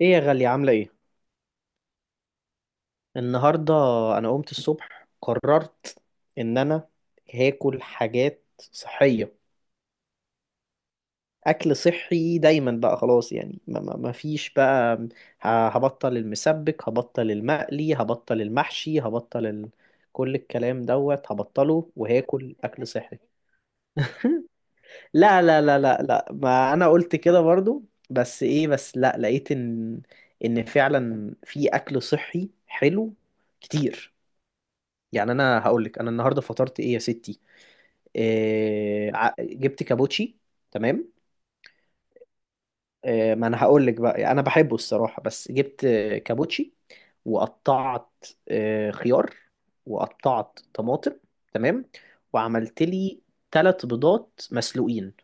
ايه يا غالية، عاملة ايه؟ النهاردة انا قمت الصبح، قررت ان انا هاكل حاجات صحية. اكل صحي دايما بقى، خلاص يعني ما فيش بقى. هبطل المسبك، هبطل المقلي، هبطل المحشي، كل الكلام دوت هبطله، وهاكل اكل صحي. لا لا لا لا لا، ما انا قلت كده برضو. بس ايه، بس لا، لقيت ان فعلا في اكل صحي حلو كتير. يعني انا هقول لك، انا النهارده فطرت ايه يا ستي؟ إيه، جبت كابوتشي، تمام. إيه، ما انا هقول لك بقى، انا بحبه الصراحه، بس جبت كابوتشي، وقطعت خيار، وقطعت طماطم، تمام. وعملت لي 3 بيضات مسلوقين،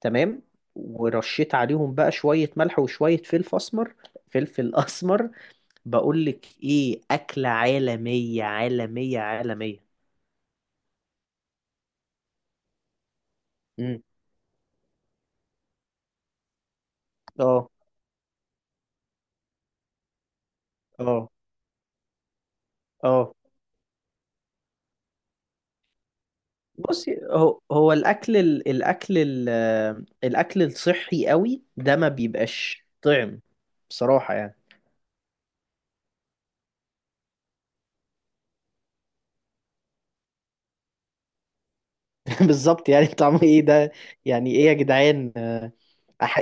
تمام. ورشيت عليهم بقى شويه ملح وشويه فلفل اسمر، فلفل اسمر. بقول لك ايه، اكله عالميه عالميه عالميه. امم، اه، اه، اه. بصي، هو الاكل ال... الاكل ال... آه، الاكل الصحي قوي ده ما بيبقاش طعم، بصراحه يعني. بالظبط، يعني طعمه ايه ده؟ يعني ايه يا جدعان. أح...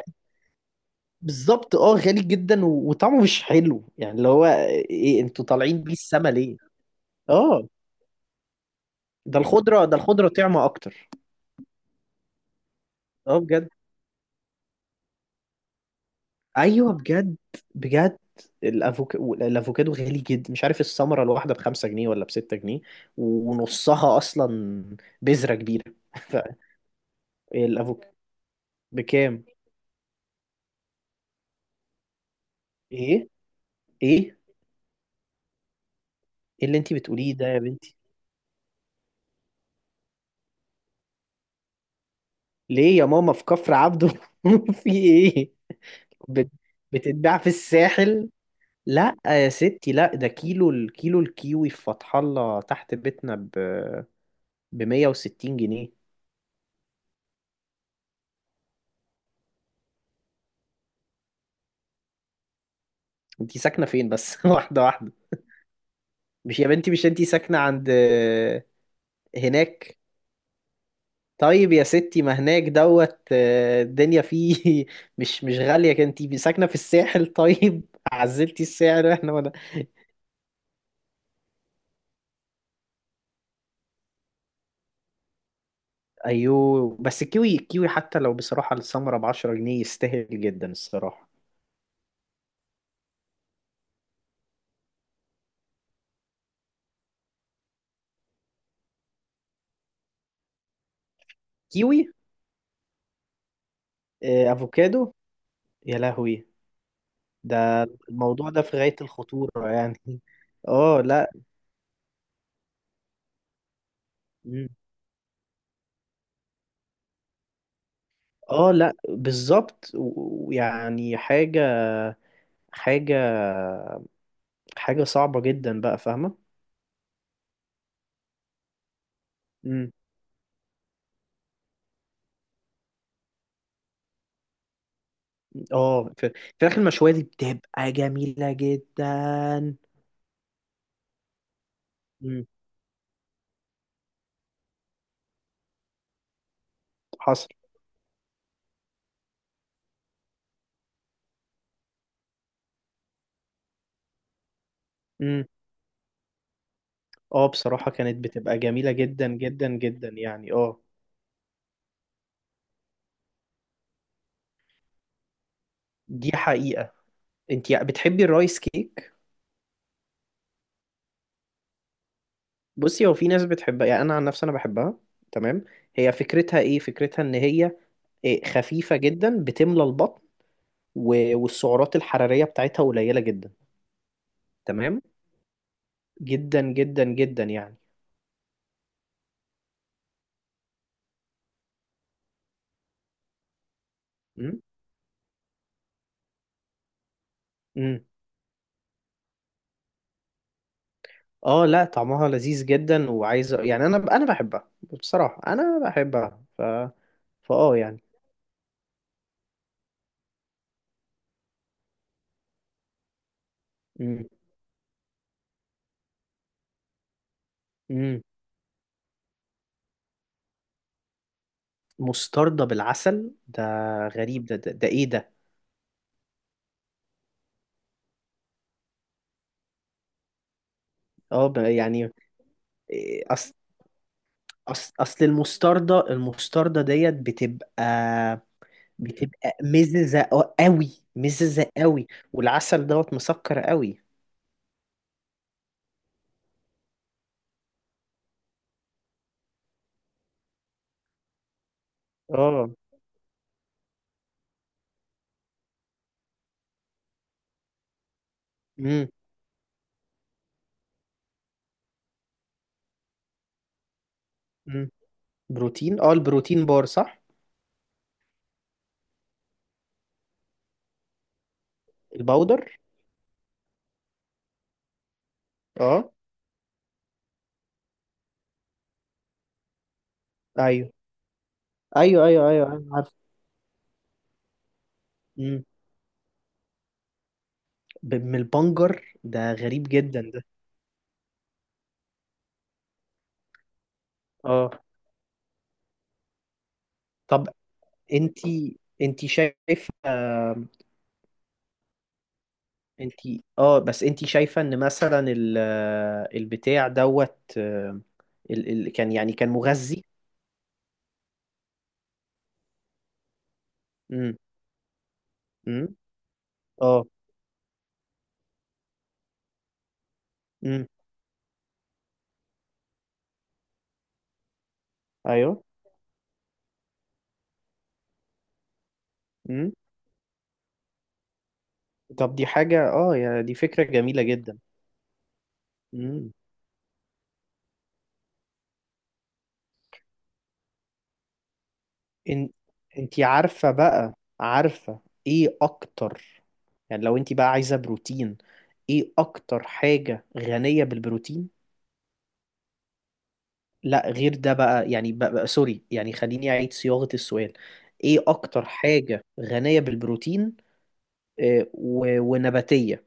بالظبط، اه، غالي جدا و... وطعمه مش حلو، يعني اللي هو ايه، انتوا طالعين بيه السما ليه؟ اه، ده الخضره، ده الخضره طعمه اكتر. اه بجد. ايوه بجد. بجد. الافوكادو، الافوكادو غالي جدا، مش عارف الثمره الواحده ب5 جنيه ولا ب6 جنيه، ونصها اصلا بذره كبيره. فالافوك بكام؟ ايه، ايه، ايه اللي انت بتقوليه ده يا بنتي؟ ليه يا ماما؟ في كفر عبده في ايه؟ بت... بتتباع في الساحل؟ لا يا ستي، لا، ده الكيلو الكيوي في فتح الله تحت بيتنا ب 160 جنيه. انت ساكنه فين بس؟ واحده واحده. مش يا بنتي، مش انتي ساكنة عند هناك؟ طيب يا ستي، ما هناك دوت الدنيا فيه مش غالية، انتي ساكنة في الساحل طيب عزلتي السعر احنا ولا؟ ايوه، بس الكيوي، الكيوي حتى لو بصراحة السمرة ب10 جنيه، يستاهل جدا الصراحة. كيوي، افوكادو، يا لهوي. ده الموضوع ده في غاية الخطورة يعني اه لا. مم. اه لا، بالظبط ويعني حاجة، حاجة حاجة صعبة جدا بقى، فاهمة؟ امم. اه، الفراخ المشوية دي بتبقى جميلة جدا. امم. حصل. امم. اه، بصراحة كانت بتبقى جميلة جدا جدا جدا يعني، اه. دي حقيقة. انت بتحبي الرايس كيك؟ بصي، هو في ناس بتحبها، يعني انا عن نفسي انا بحبها، تمام. هي فكرتها ايه؟ فكرتها ان هي خفيفة جدا، بتملى البطن، والسعرات الحرارية بتاعتها قليلة جدا، تمام، جدا جدا جدا يعني. امم. امم. اه لا، طعمها لذيذ جدا، وعايز يعني انا بحبها، بصراحة انا بحبها، ف فاه يعني. امم. امم. مستردة بالعسل؟ ده غريب، ده ايه ده؟ اه، يعني. اصل أصل أصل المستردة ديت بتبقى، بتبقى مززة قوي، مززة قوي. والعسل دوت مسكر قوي. اه. امم. امم. بروتين؟ اه، البروتين بار، صح؟ الباودر. اه، ايوه، ايوه، ايوه، ايوه. مم. من البنجر؟ ده غريب جدا ده. اه، طب انتي شايفه، انتي اه، بس انتي شايفه ان مثلا البتاع دوت آه، ال... ال... كان يعني كان مغذي؟ امم. امم، اه، امم، ايوه، امم. طب دي حاجه، اه يا، دي فكره جميله جدا. امم. ان... انتي عارفه بقى، عارفه، ايه اكتر؟ يعني لو انت بقى عايزة بروتين، ايه اكتر حاجة غنية بالبروتين؟ لا غير ده بقى، يعني بقى سوري، يعني خليني اعيد صياغة السؤال. ايه اكتر حاجة غنية بالبروتين ونباتية؟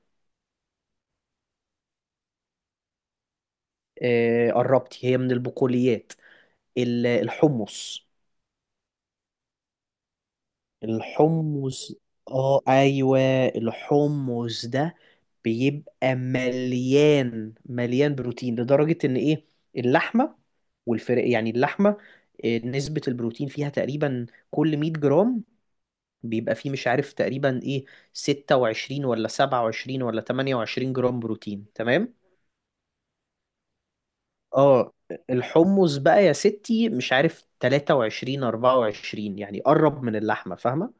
قربتي، هي من البقوليات، الحمص. الحمص، اه، ايوه. الحمص ده بيبقى مليان مليان بروتين، لدرجة ان ايه، اللحمة. والفرق، يعني اللحمة، نسبة البروتين فيها تقريبا كل 100 جرام بيبقى فيه، مش عارف تقريبا ايه، 26 ولا 27 ولا 28 جرام بروتين، تمام. اه. الحمص بقى يا ستي مش عارف 23، 24، يعني قرب من اللحمة، فاهمة؟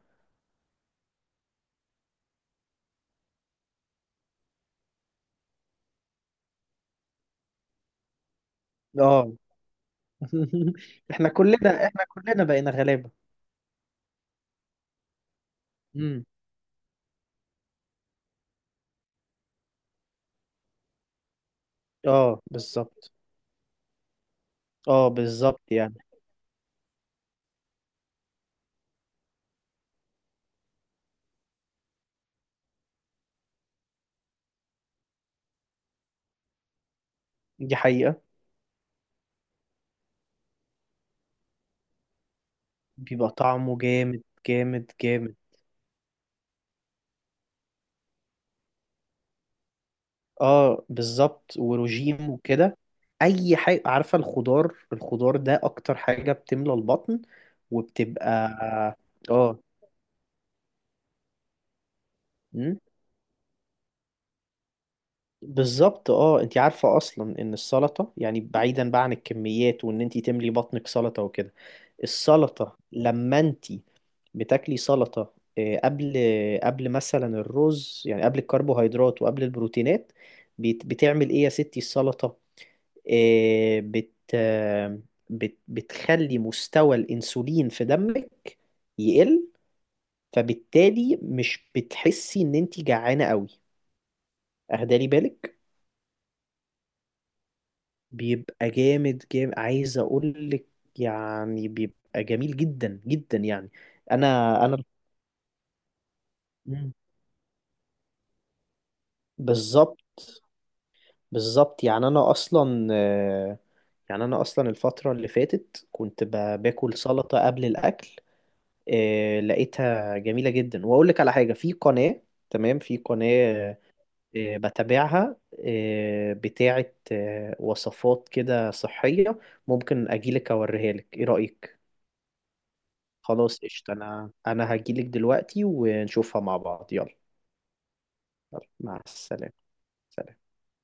اه احنا كلنا بقينا غلابة. امم. اه بالظبط. اه بالظبط يعني. دي حقيقة. بيبقى طعمه جامد جامد جامد. اه بالظبط، وروجيم وكده. اي حاجة، عارفة، الخضار، الخضار ده اكتر حاجة بتملى البطن، وبتبقى. اه. مم. بالظبط، اه انت عارفة اصلا ان السلطة يعني بعيدا بقى عن الكميات، وان انت تملي بطنك سلطة وكده. السلطة لما انت بتاكلي سلطة قبل مثلا الرز، يعني قبل الكربوهيدرات وقبل البروتينات، بتعمل ايه يا ستي السلطة؟ آه، بت آه، بت بتخلي مستوى الانسولين في دمك يقل، فبالتالي مش بتحسي ان انت جعانة قوي. اهدالي بالك، بيبقى جامد جامد، عايز اقول لك، يعني بيبقى جميل جدا جدا يعني، انا انا. مم. بالظبط، بالظبط يعني، انا اصلا الفتره اللي فاتت كنت باكل سلطه قبل الاكل. لقيتها جميله جدا، واقول لك على حاجه في قناه، تمام، في قناه بتابعها، بتاعه وصفات كده صحيه. ممكن اجيلك اوريها لك، ايه رايك؟ خلاص، قشطة، أنا هجيلك دلوقتي، ونشوفها مع بعض، يلا. يلا، مع السلامة. سلام.